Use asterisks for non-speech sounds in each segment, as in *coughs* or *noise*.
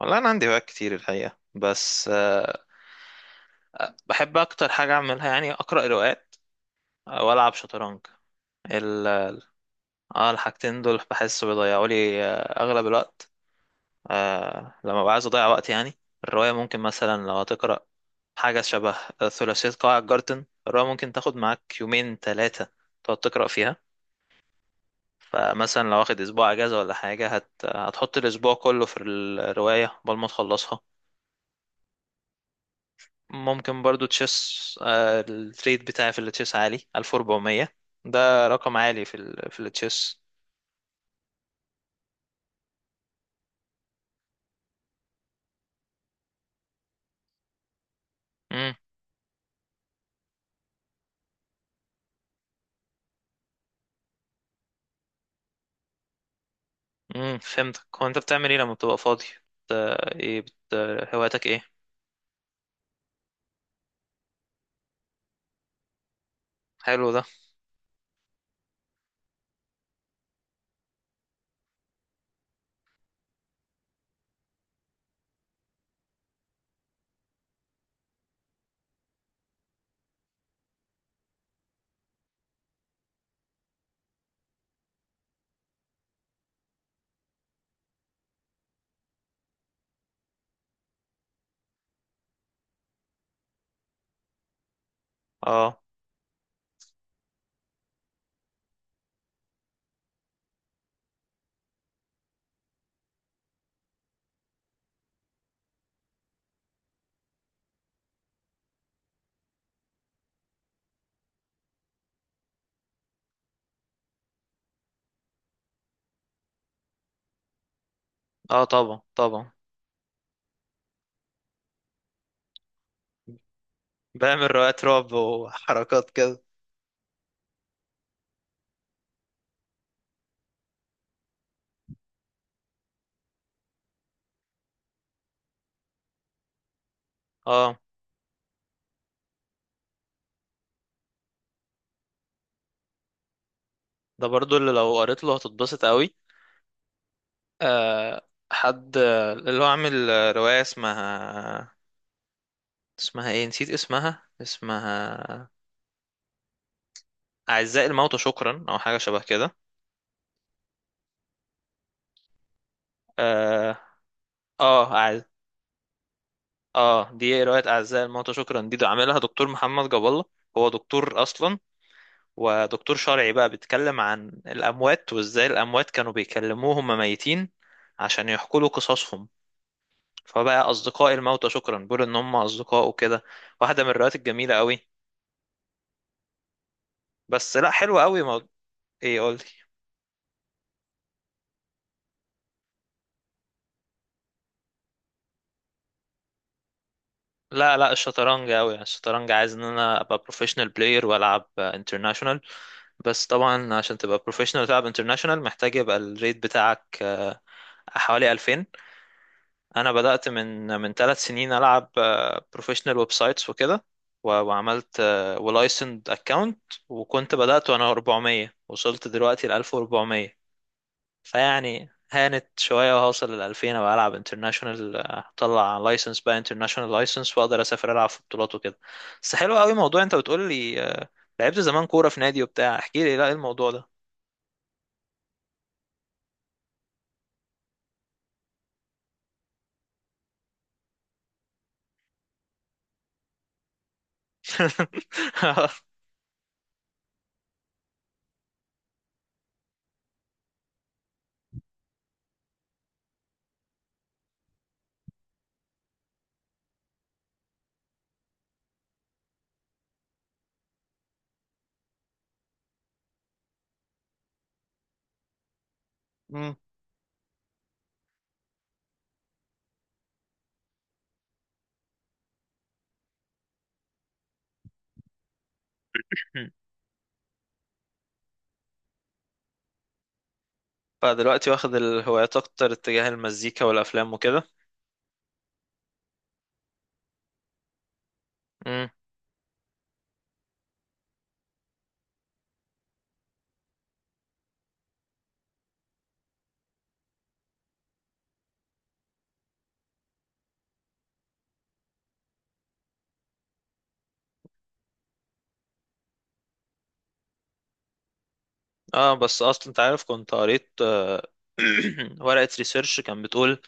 والله انا عندي هوايات كتير الحقيقه بس، بحب اكتر حاجه اعملها يعني اقرا روايات، والعب شطرنج. ال اه الحاجتين دول بحس بيضيعوا لي اغلب الوقت، لما ببقى عايز اضيع وقت يعني. الروايه ممكن مثلا لو هتقرا حاجه شبه ثلاثيه قاع الجارتن. الروايه ممكن تاخد معاك يومين ثلاثه تقعد تقرا فيها. فمثلا لو واخد اسبوع اجازه ولا حاجه هتحط الاسبوع كله في الروايه قبل ما تخلصها. ممكن برضو تشيس. الريت بتاعي في التشيس عالي 1400. ده رقم عالي في التشيس. امم فهمتك. هو انت بتعمل ايه لما بتبقى فاضي؟ بت... ايه بت... هواياتك ايه؟ حلو ده. اه، اه طبعا طبعا. بعمل روايات رعب وحركات كده. اه، ده برضو اللي لو قريت له هتتبسط قوي. آه حد اللي هو عامل رواية اسمها، اسمها ايه؟ نسيت اسمها. أعزائي الموتى شكرا، أو حاجة شبه كده. اه، اه اه، دي رواية أعزائي الموتى شكرا. دي ده عاملها دكتور محمد جاب الله. هو دكتور أصلا، ودكتور شرعي بقى، بيتكلم عن الأموات وإزاي الأموات كانوا بيكلموه هما ميتين عشان يحكوا له قصصهم. فبقى أصدقاء الموتى شكرا، بيقول إن هم أصدقاء وكده. واحدة من الروايات الجميلة قوي. بس لا، حلوة قوي إيه؟ قولي. لا لا، الشطرنج قوي. يعني الشطرنج عايز ان انا ابقى بروفيشنال بلاير والعب انترناشونال. بس طبعا عشان تبقى بروفيشنال وتلعب انترناشونال محتاج يبقى الريت بتاعك حوالي 2000. انا بدأت من 3 سنين العب بروفيشنال ويب سايتس وكده. وعملت ولايسند اكونت، وكنت بدأت وانا 400 وصلت دلوقتي ل 1400. فيعني هانت شوية وهوصل لـ2000، أبقى ألعب انترناشونال. أطلع لايسنس بقى، انترناشونال لايسنس، وأقدر أسافر ألعب في بطولات وكده. بس حلو قوي موضوع أنت بتقول لي لعبت زمان كورة في نادي وبتاع. احكي لي لا، إيه الموضوع ده؟ *laughs* مم. فدلوقتي واخد الهوايات أكتر اتجاه المزيكا والأفلام وكده. مم. اه، بس أصلا أنت عارف كنت قريت *clears throat* ورقة ريسيرش كان بتقول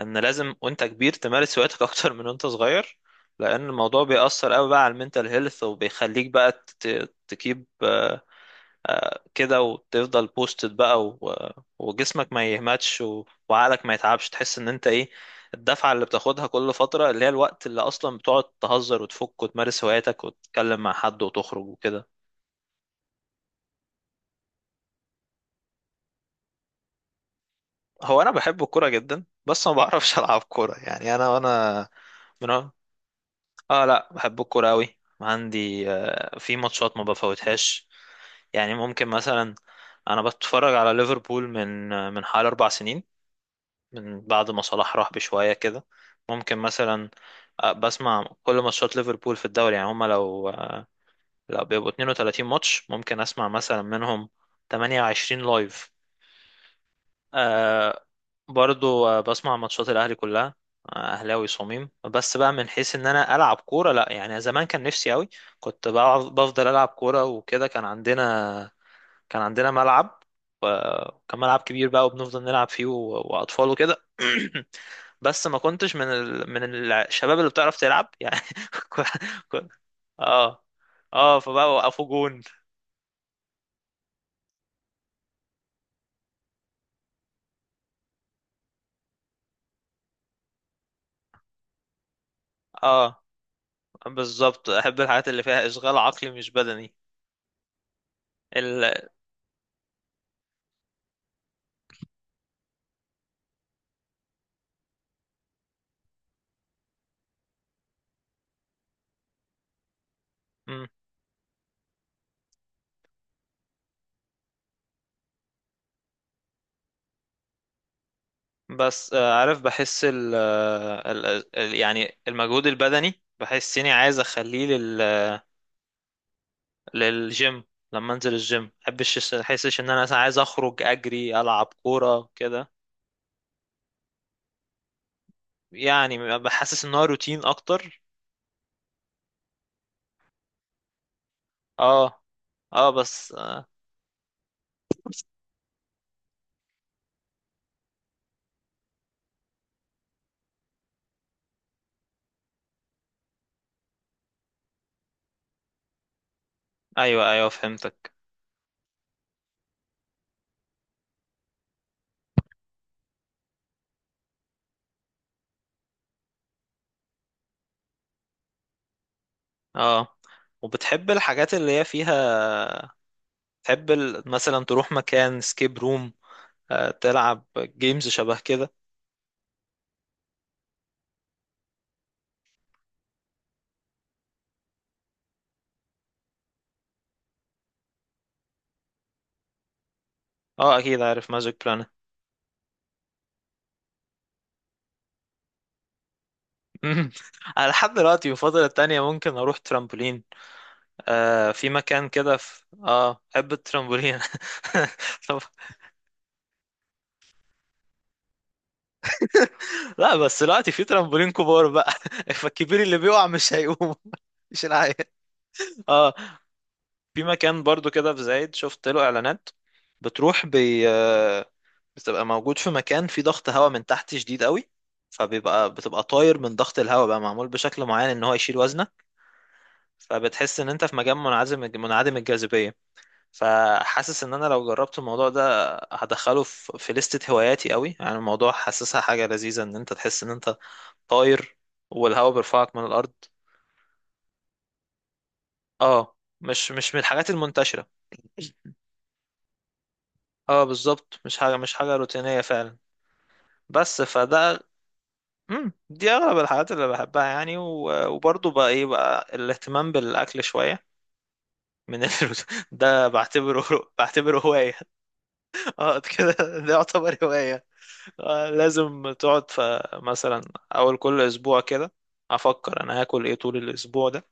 ان لازم وانت كبير تمارس هواياتك *laughs* اكتر من وانت صغير. لان الموضوع بيأثر قوي بقى على المينتال هيلث، وبيخليك بقى تكيب، كده، وتفضل بوستد بقى، وجسمك ما يهمتش، وعقلك ما يتعبش. تحس ان انت ايه؟ الدفعة اللي بتاخدها كل فترة، اللي هي الوقت اللي اصلا بتقعد تهزر وتفك وتمارس هواياتك وتتكلم مع حد وتخرج وكده. هو انا بحب الكورة جدا، بس ما بعرفش *laughs* العب كورة. يعني انا، وانا من، اه لا بحب الكورة أوي. عندي في ماتشات ما بفوتهاش. يعني ممكن مثلا انا بتفرج على ليفربول من حوالي 4 سنين، من بعد ما صلاح راح بشوية كده. ممكن مثلا بسمع كل ماتشات ليفربول في الدوري. يعني هما لو بيبقوا 32 ماتش ممكن اسمع مثلا منهم 28 لايف. آه برضو بسمع ماتشات الاهلي كلها. اهلاوي صميم. بس بقى من حيث ان انا العب كوره، لا. يعني زمان كان نفسي قوي، كنت بفضل العب كوره وكده. كان عندنا ملعب، و- وكان ملعب كبير بقى، وبنفضل نلعب فيه، واطفال وكده. *coughs* *clears throat* بس ما كنتش من الشباب اللي بتعرف تلعب يعني. *laughs* كو- كو- اه، اه فبقى وقفوا جون. اه بالظبط، احب الحاجات اللي فيها اشغال عقلي مش بدني. ال... بس عارف، بحس ال آه، ال ال- يعني المجهود البدني بحس اني عايز اخليه لل، للجيم. لما انزل الجيم محبش احسش ان انا مثلا عايز اخرج اجري العب كورة كده. يعني بحسس ان هو روتين اكتر. اه، اه بس ايوه، ايوه فهمتك. اه، وبتحب الحاجات اللي هي فيها، تحب مثلا تروح مكان سكيب روم، تلعب جيمز شبه كده. اه اكيد عارف ماجيك بلانت. مم. انا لحد دلوقتي في الفترة التانية ممكن اروح ترامبولين. في مكان كده في، بحب الترامبولين. *laughs* طب، لا بس دلوقتي في ترامبولين كبار بقى. *laughs* فالكبير اللي بيقع مش هيقوم. *laughs* مش العيال. اه، في مكان برضو كده في زايد شفت له اعلانات. بتروح بي... آه، بتبقى موجود في مكان فيه ضغط هواء من تحت شديد قوي. فبيبقى بتبقى طاير من ضغط الهواء، بقى معمول بشكل معين ان هو يشيل وزنك. فبتحس ان انت في مكان منعزم، منعدم الجاذبية. فحاسس ان انا لو جربت الموضوع ده هدخله في لستة هواياتي قوي. يعني الموضوع حاسسها حاجة لذيذة، ان انت تحس ان انت طاير والهواء بيرفعك من الارض. اه، مش من الحاجات المنتشرة. اه بالظبط، مش حاجة روتينية فعلا. بس فده. دي اغلب الحاجات اللي بحبها يعني، وبرضه بقى ايه بقى، الاهتمام بالاكل شوية من ال... *laughs* ده بعتبره هواية. *laughs* اه كده، ده يعتبر هواية. لازم تقعد مثلا اول كل اسبوع كده افكر انا هاكل ايه طول الاسبوع ده،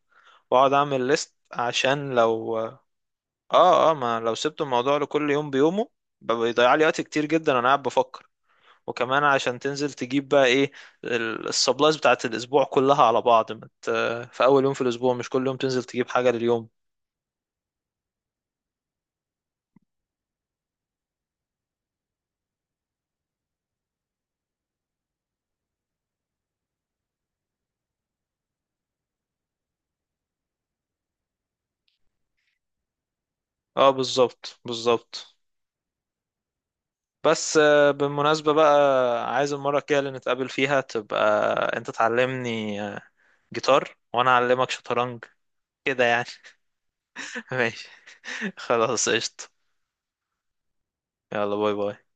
واقعد اعمل ليست عشان لو اه ما لو سبت الموضوع لكل يوم بيومه بيضيع لي وقت كتير جدا وانا قاعد بفكر. وكمان عشان تنزل تجيب بقى ايه السبلايز بتاعت الاسبوع كلها على بعض مت في اول يوم في الاسبوع، مش كل يوم تنزل تجيب حاجة لليوم. اه بالظبط بالظبط. بس بالمناسبة بقى، عايز المرة الجاية اللي نتقابل فيها تبقى انت تعلمني جيتار وانا اعلمك شطرنج كده يعني. *laughs* ماشي، خلاص قشطة. يلا باي باي.